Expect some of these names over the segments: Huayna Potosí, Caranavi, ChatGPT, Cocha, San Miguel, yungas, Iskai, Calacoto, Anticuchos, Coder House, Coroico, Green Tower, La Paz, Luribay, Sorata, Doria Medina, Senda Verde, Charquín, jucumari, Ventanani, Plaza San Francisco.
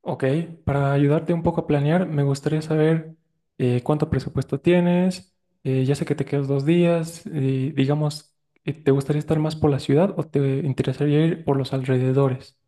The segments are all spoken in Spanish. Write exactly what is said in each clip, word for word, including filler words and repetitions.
Ok, para ayudarte un poco a planear, me gustaría saber eh, cuánto presupuesto tienes. Eh, ya sé que te quedas dos días. Eh, digamos, eh, ¿te gustaría estar más por la ciudad o te interesaría ir por los alrededores?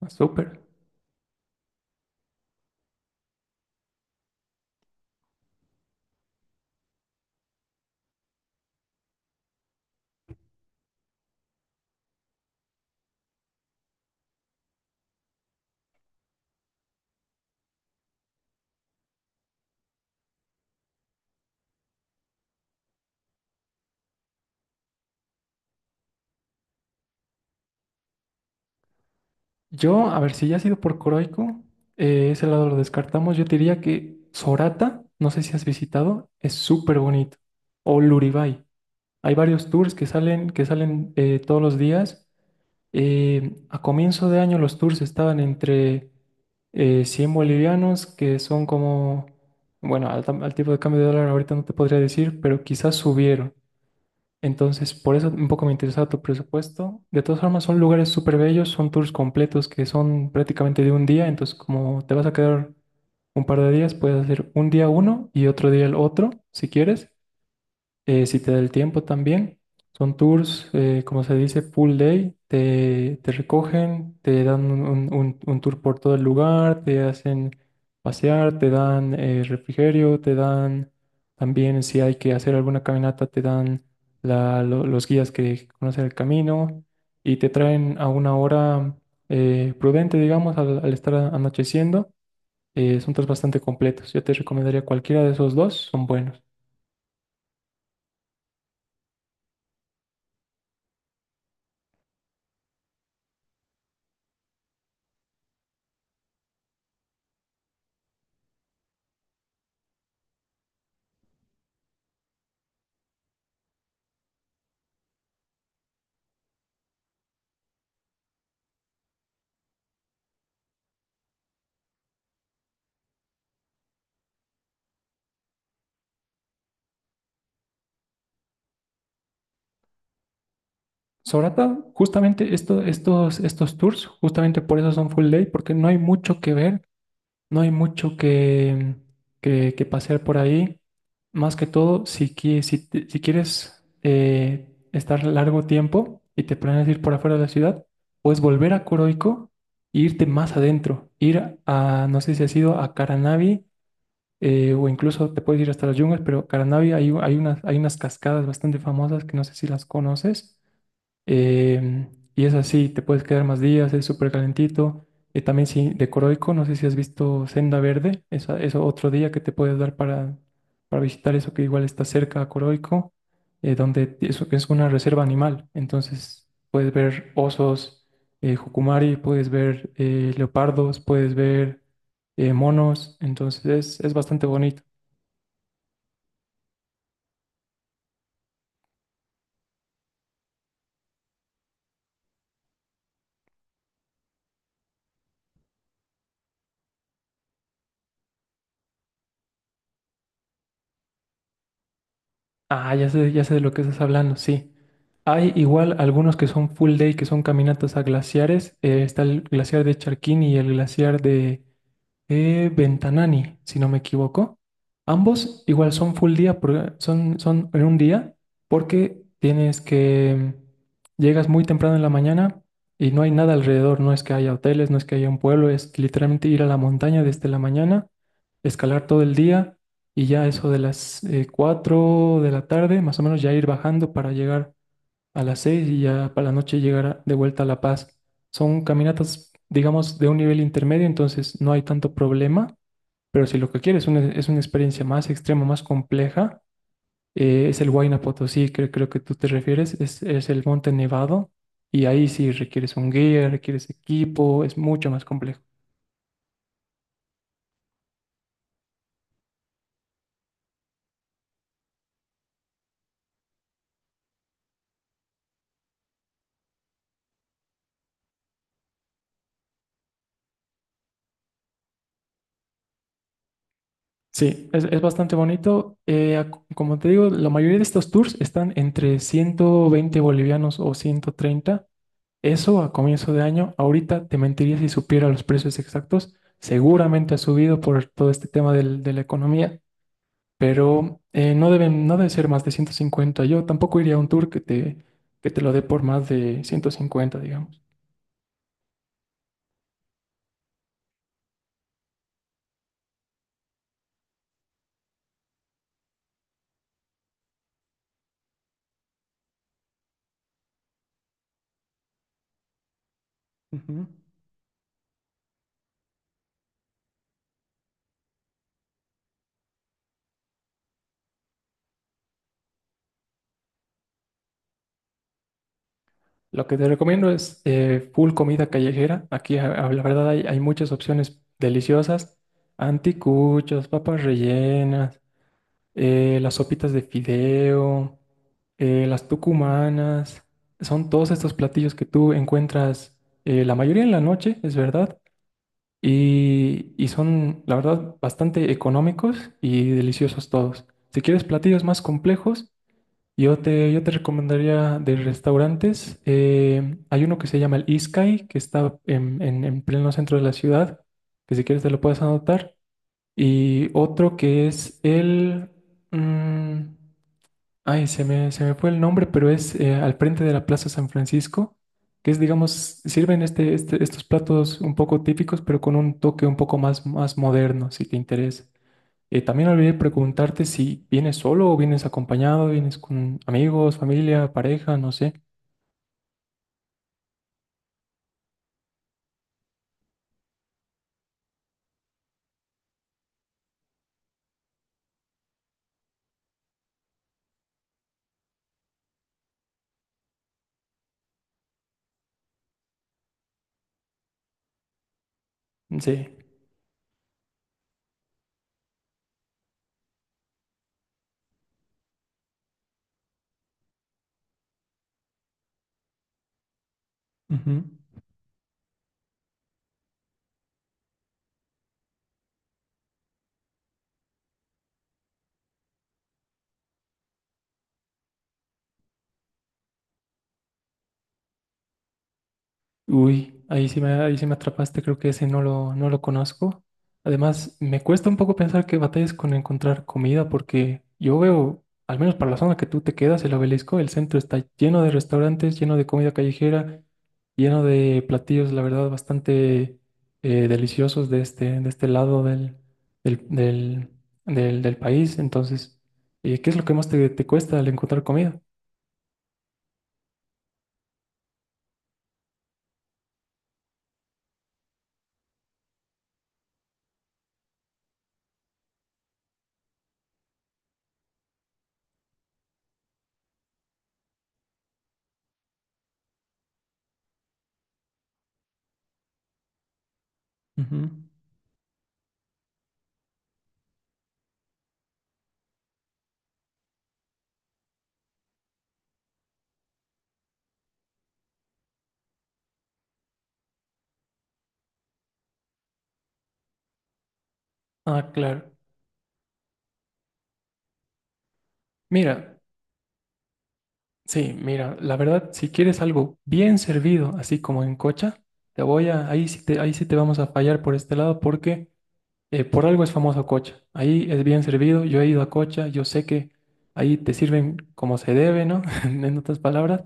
Ah, súper. Yo, a ver, si ya has ido por Coroico, eh, ese lado lo descartamos. Yo te diría que Sorata, no sé si has visitado, es súper bonito. O Luribay. Hay varios tours que salen, que salen eh, todos los días. Eh, a comienzo de año los tours estaban entre eh, cien bolivianos, que son como, bueno, al, tam- al tipo de cambio de dólar ahorita no te podría decir, pero quizás subieron. Entonces, por eso un poco me interesaba tu presupuesto. De todas formas, son lugares súper bellos, son tours completos que son prácticamente de un día, entonces como te vas a quedar un par de días, puedes hacer un día uno y otro día el otro, si quieres. Eh, si te da el tiempo también, son tours, eh, como se dice, full day, te, te recogen, te dan un, un- un- un tour por todo el lugar, te hacen pasear, te dan eh, refrigerio, te dan también si hay que hacer alguna caminata, te dan la- lo- los guías que conocen el camino y te traen a una hora eh, prudente, digamos, al, al estar anocheciendo. Eh, son tours bastante completos. Yo te recomendaría cualquiera de esos dos, son buenos. Sorata, justamente esto- estos, estos tours, justamente por eso son full day, porque no hay mucho que ver, no hay mucho que, que, que pasear por ahí. Más que todo, si, qui- si, te- si quieres eh, estar largo tiempo y te planeas ir por afuera de la ciudad, puedes volver a Coroico e irte más adentro. Ir a, no sé si has ido a Caranavi eh, o incluso te puedes ir hasta las yungas, pero Caranavi hay, hay unas, hay unas cascadas bastante famosas que no sé si las conoces. Em, y es así, te puedes quedar más días, es súper calentito. Eh, también sí, de Coroico, no sé si has visto Senda Verde, esa, eso otro día que te puedes dar para, para visitar eso que igual está cerca a Coroico, eh, donde eso es una reserva animal. Entonces puedes ver osos, eh, jucumari, puedes ver eh, leopardos, puedes ver eh, monos. Entonces es, es bastante bonito. Ah, ya sé, ya sé de lo que estás hablando, sí. Hay igual algunos que son full day, que son caminatas a glaciares. Eh, está el glaciar de Charquín y el glaciar de eh, Ventanani, si no me equivoco. Ambos igual son full día, por- son, son en un día, porque tienes que, mm, llegas muy temprano en la mañana y no hay nada alrededor, no es que haya hoteles, no es que haya un pueblo, es literalmente ir a la montaña desde la mañana, escalar todo el día y ya eso de las eh, cuatro de la tarde, más o menos ya ir bajando para llegar a las seis y ya para la noche llegar de vuelta a La Paz. Son caminatas, digamos, de un nivel intermedio, entonces no hay tanto problema, pero si lo que quieres es una, es una experiencia más extrema, más compleja, eh, es el Huayna Potosí, que creo que tú te refieres, es, es el Monte Nevado y ahí sí requieres un guía, requieres equipo, es mucho más complejo. Sí, es, es bastante bonito. Eh, ac- como te digo, la mayoría de estos tours están entre ciento veinte bolivianos o ciento treinta. Eso a comienzo de año, ahorita te mentiría si supiera los precios exactos. Seguramente ha subido por todo este tema del- de la economía, pero eh, no deben, no debe ser más de ciento cincuenta. Yo tampoco iría a un tour que te, que te lo dé por más de ciento cincuenta, digamos. Ujú. Lo que te recomiendo es eh, full comida callejera. Aquí, a- a- la verdad, hay, hay muchas opciones deliciosas. Anticuchos, papas rellenas, eh, las sopitas de fideo, eh, las tucumanas. Son todos estos platillos que tú encuentras eh, la mayoría en la noche, es verdad. Y, y son, la verdad, bastante económicos y deliciosos todos. Si quieres platillos más complejos, yo te, yo te recomendaría de restaurantes. Eh, hay uno que se llama el Iskai, que está en, en- en pleno centro de la ciudad, que si quieres te lo puedes anotar. Y otro que es el... mm, ay, se me, se me fue el nombre, pero es eh, al frente de la Plaza San Francisco, que es, digamos, sirven este, este- estos platos un poco típicos, pero con un toque un poco más, más moderno, si te interesa. Eh, también olvidé preguntarte si vienes solo o vienes acompañado, vienes con amigos, familia, pareja, no sé. Sí. Ujú. Uy, ahí sí me, ahí sí me atrapaste, creo que ese no lo, no lo conozco. Además, me cuesta un poco pensar que batallas con encontrar comida, porque yo veo, al menos para la zona que tú te quedas, el obelisco, el centro está lleno de restaurantes, lleno de comida callejera, lleno de platillos, la verdad, bastante eh, deliciosos de este, de este lado del, del, del, del- del país. Entonces, eh, ¿qué es lo que más te, te cuesta al encontrar comida? Ujú. Ah, claro. Mira. Sí, mira, la verdad, si quieres algo bien servido, así como en Cocha, te voy a, ahí sí te, ahí sí te vamos a fallar por este lado porque eh, por algo es famoso Cocha. Ahí es bien servido, yo he ido a Cocha, yo sé que ahí te sirven como se debe, ¿no? En otras palabras,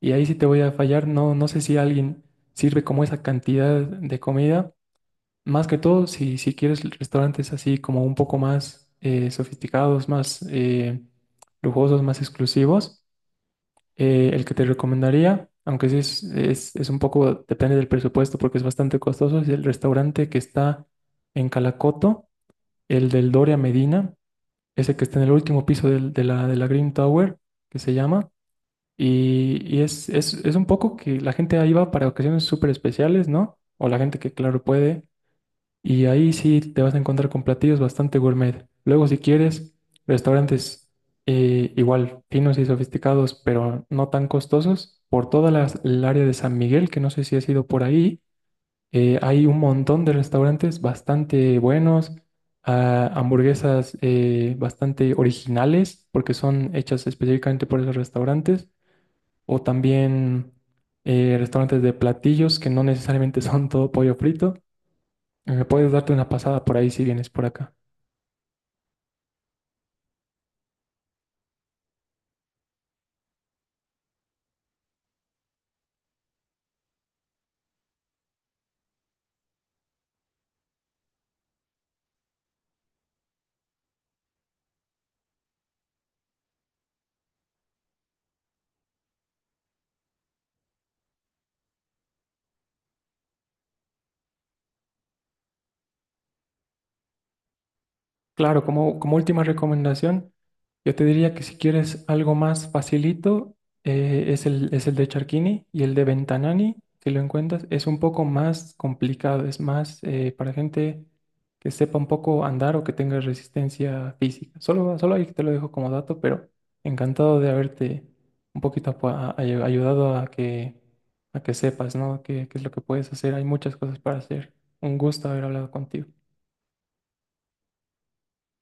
y ahí sí te voy a fallar, no, no sé si alguien sirve como esa cantidad de comida. Más que todo, si, si quieres restaurantes así como un poco más eh, sofisticados, más eh, lujosos, más exclusivos. Eh, el que te recomendaría, aunque sí es, es, es un poco, depende del presupuesto porque es bastante costoso, es el restaurante que está en Calacoto, el del Doria Medina, ese que está en el último piso del- de la, de la Green Tower, que se llama, y, y es, es, es un poco que la gente ahí va para ocasiones súper especiales, ¿no? O la gente que, claro, puede, y ahí sí te vas a encontrar con platillos bastante gourmet. Luego, si quieres, restaurantes eh, igual finos y sofisticados, pero no tan costosos. Por toda las- el área de San Miguel, que no sé si has ido por ahí, eh, hay un montón de restaurantes bastante buenos, ah, hamburguesas eh, bastante originales, porque son hechas específicamente por esos restaurantes, o también eh, restaurantes de platillos que no necesariamente son todo pollo frito. Eh, puedes darte una pasada por ahí si vienes por acá. Claro, como, como última recomendación, yo te diría que si quieres algo más facilito, eh, es el, es el de Charquini y el de Ventanani, si lo encuentras, es un poco más complicado, es más eh, para gente que sepa un poco andar o que tenga resistencia física. Solo, solo ahí te lo dejo como dato, pero encantado de haberte un poquito apo- a- a- ayudado a que, a que sepas, ¿no? ¿Qué, qué es lo que puedes hacer? Hay muchas cosas para hacer. Un gusto haber hablado contigo.